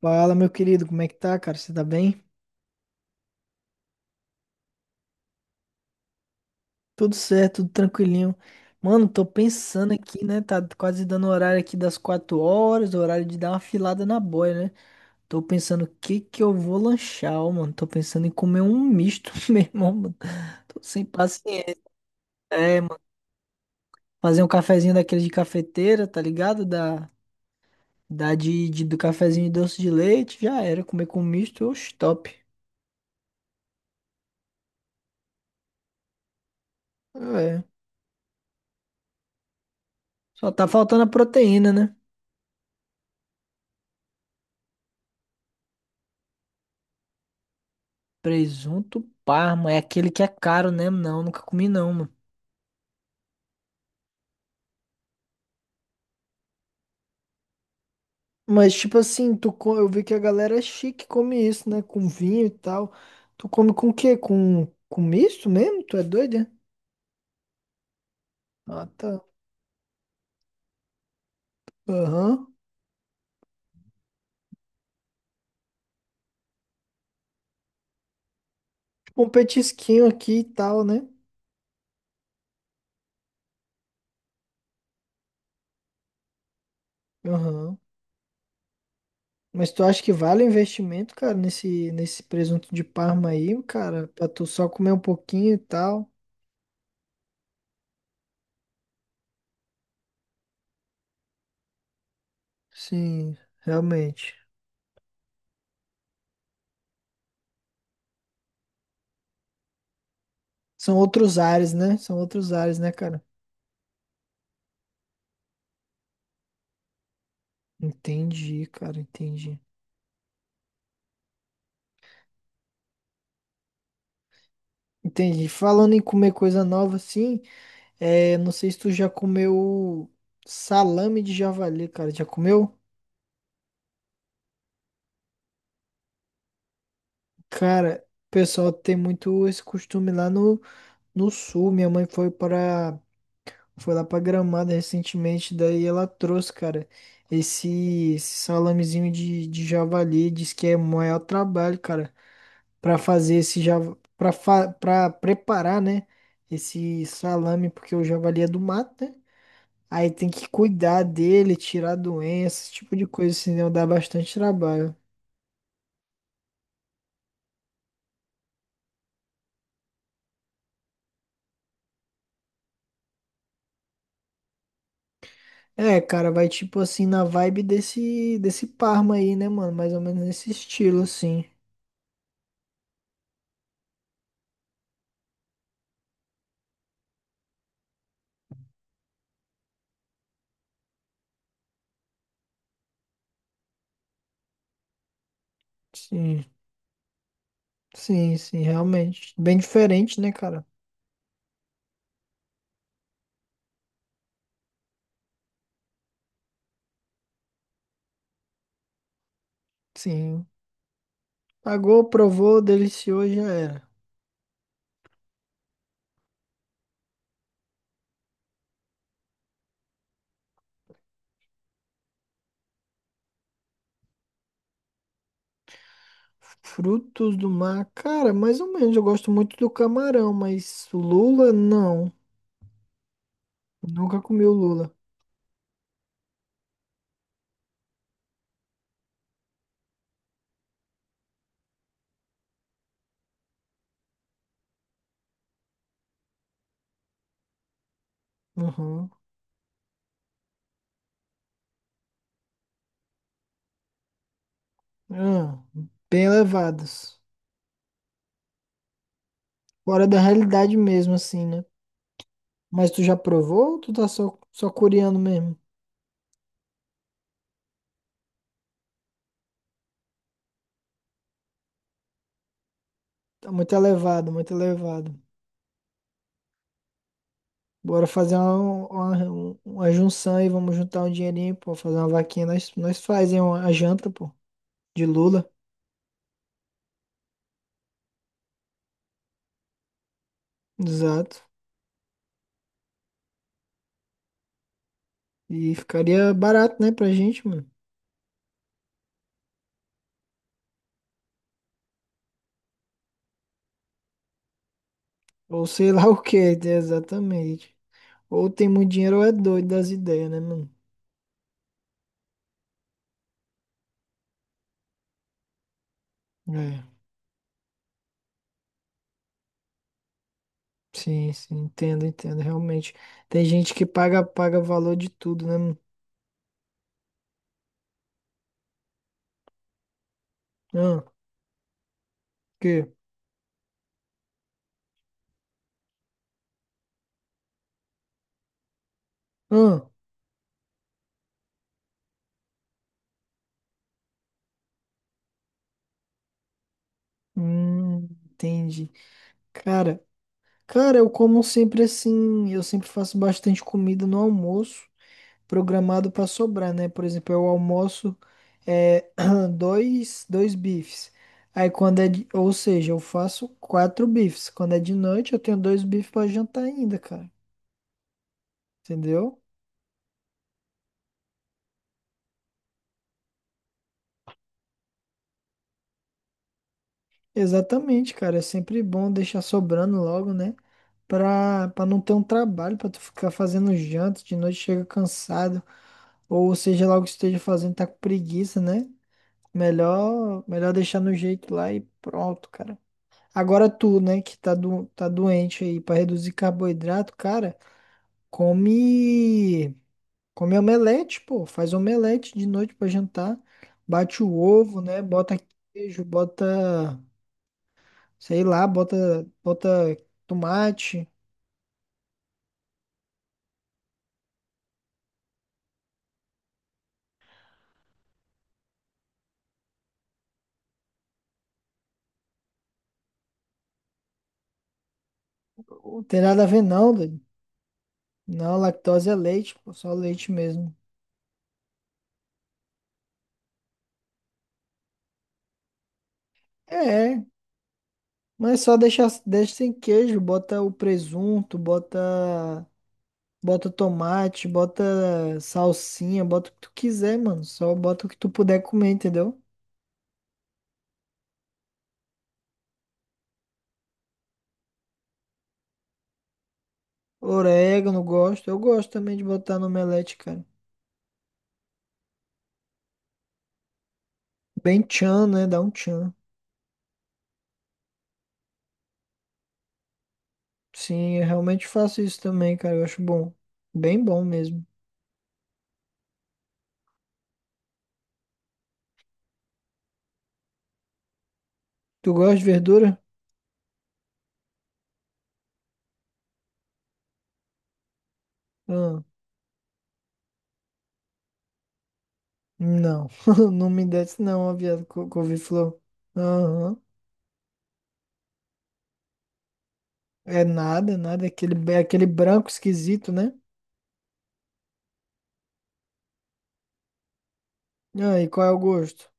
Fala, meu querido, como é que tá, cara? Você tá bem? Tudo certo, tudo tranquilinho. Mano, tô pensando aqui, né? Tá quase dando o horário aqui das 4 horas, o horário de dar uma filada na boia, né? Tô pensando o que que eu vou lanchar, ó, mano. Tô pensando em comer um misto, meu irmão, mano. Tô sem paciência. É, mano. Fazer um cafezinho daquele de cafeteira, tá ligado? Do cafezinho de doce de leite, já era. Comer com misto, oxe, top. É. Só tá faltando a proteína, né? Presunto Parma é aquele que é caro, né? Não, nunca comi não, mano. Mas, tipo assim, eu vi que a galera é chique come isso, né? Com vinho e tal. Tu come com o quê? Com misto mesmo? Tu é doido doida? Ah, tá. Aham. Tipo um petisquinho aqui e tal, né? Aham. Mas tu acha que vale o investimento, cara, nesse presunto de Parma aí, cara? Pra tu só comer um pouquinho e tal? Sim, realmente. São outros ares, né? São outros ares, né, cara? Entendi, cara, entendi. Entendi. Falando em comer coisa nova, assim, é, não sei se tu já comeu salame de javali, cara. Já comeu? Cara, o pessoal tem muito esse costume lá no, no sul. Minha mãe foi para Foi lá pra Gramado recentemente, daí ela trouxe, cara, esse salamezinho de javali, diz que é o maior trabalho, cara, pra fazer esse java, pra preparar, né, esse salame, porque o javali é do mato, né? Aí tem que cuidar dele, tirar doenças, esse tipo de coisa, senão dá bastante trabalho. É, cara, vai tipo assim na vibe desse Parma aí, né, mano? Mais ou menos nesse estilo, assim. Sim. Sim, sim, realmente. Bem diferente, né, cara? Sim. Pagou, provou, deliciou, e já era. Frutos do mar, cara, mais ou menos. Eu gosto muito do camarão, mas lula, não. Nunca comi o lula. Uhum. Ah, bem elevados. Fora da realidade mesmo, assim, né? Mas tu já provou ou tu tá só curiando mesmo? Tá muito elevado, muito elevado. Bora fazer uma junção aí, vamos juntar um dinheirinho, pô, fazer uma vaquinha. Nós fazemos a janta, pô, de lula, exato. E ficaria barato, né, pra gente, mano. Ou sei lá o que, exatamente. Ou tem muito dinheiro ou é doido das ideias, né, mano? É, sim, sim, entendo, entendo, realmente. Tem gente que paga, paga valor de tudo, né, mano? Ah, que? Ah, hum, entendi. Cara. Cara, eu como sempre assim, eu sempre faço bastante comida no almoço, programado pra sobrar, né? Por exemplo, eu almoço é, dois bifes. Aí quando é de, ou seja, eu faço quatro bifes. Quando é de noite, eu tenho dois bifes pra jantar ainda, cara. Entendeu? Exatamente, cara. É sempre bom deixar sobrando logo, né? Pra não ter um trabalho, pra tu ficar fazendo janta, de noite chega cansado, ou seja lá o que esteja fazendo, tá com preguiça, né? Melhor deixar no jeito lá e pronto, cara. Agora tu, né, tá doente aí pra reduzir carboidrato, cara, come, come omelete, pô. Faz omelete de noite pra jantar. Bate o ovo, né? Bota queijo, bota, sei lá, bota, bota tomate. Não tem nada a ver, não, doido. Não, lactose é leite, pô, só leite mesmo. É, mas só deixa sem queijo, bota o presunto, bota. Bota tomate, bota salsinha, bota o que tu quiser, mano. Só bota o que tu puder comer, entendeu? Orégano, gosto. Eu gosto também de botar no omelete, cara. Bem tchan, né? Dá um tchan. Sim, eu realmente faço isso também, cara. Eu acho bom. Bem bom mesmo. Tu gosta de verdura? Ah, não. Não me desce não, ó, viado, couve-flor. Aham. É nada, nada. É aquele, é aquele branco esquisito, né? Ah, e qual é o gosto?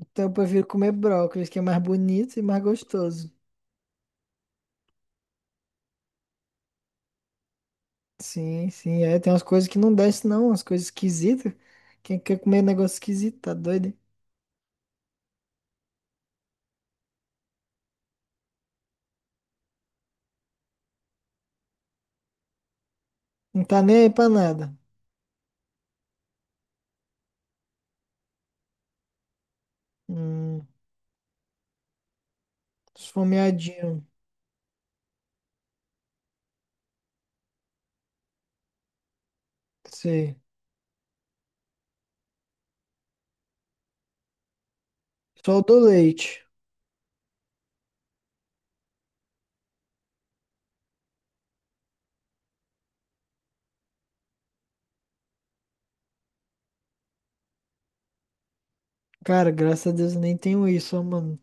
Então eu prefiro comer brócolis, que é mais bonito e mais gostoso. Sim, sim, é, tem umas coisas que não desce não, umas coisas esquisitas. Quem quer comer negócio esquisito, tá doido? Hein? Não tá nem aí pra nada. Hum, esfomeadinho, sei. Só o do leite. Cara, graças a Deus eu nem tenho isso, ó, mano.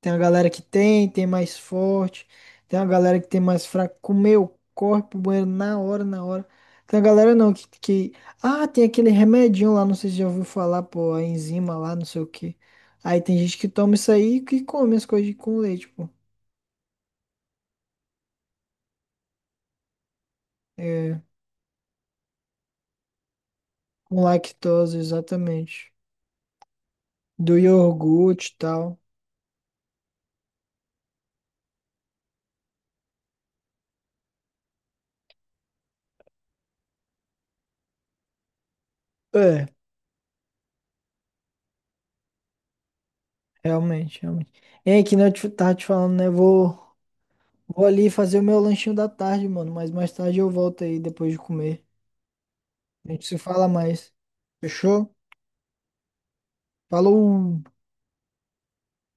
Tem a galera que tem, tem mais forte. Tem a galera que tem mais fraco. Comeu, corre pro banheiro na hora, na hora. Tem a galera não que... Ah, tem aquele remedinho lá, não sei se já ouviu falar, pô, a enzima lá, não sei o quê. Aí tem gente que toma isso aí e que come as coisas com leite, pô. É, com lactose, exatamente. Do iogurte e tal. É, realmente, realmente. É que nem eu tava te falando, né? Vou, vou ali fazer o meu lanchinho da tarde, mano. Mas mais tarde eu volto aí depois de comer. A gente se fala mais. Fechou? Falou!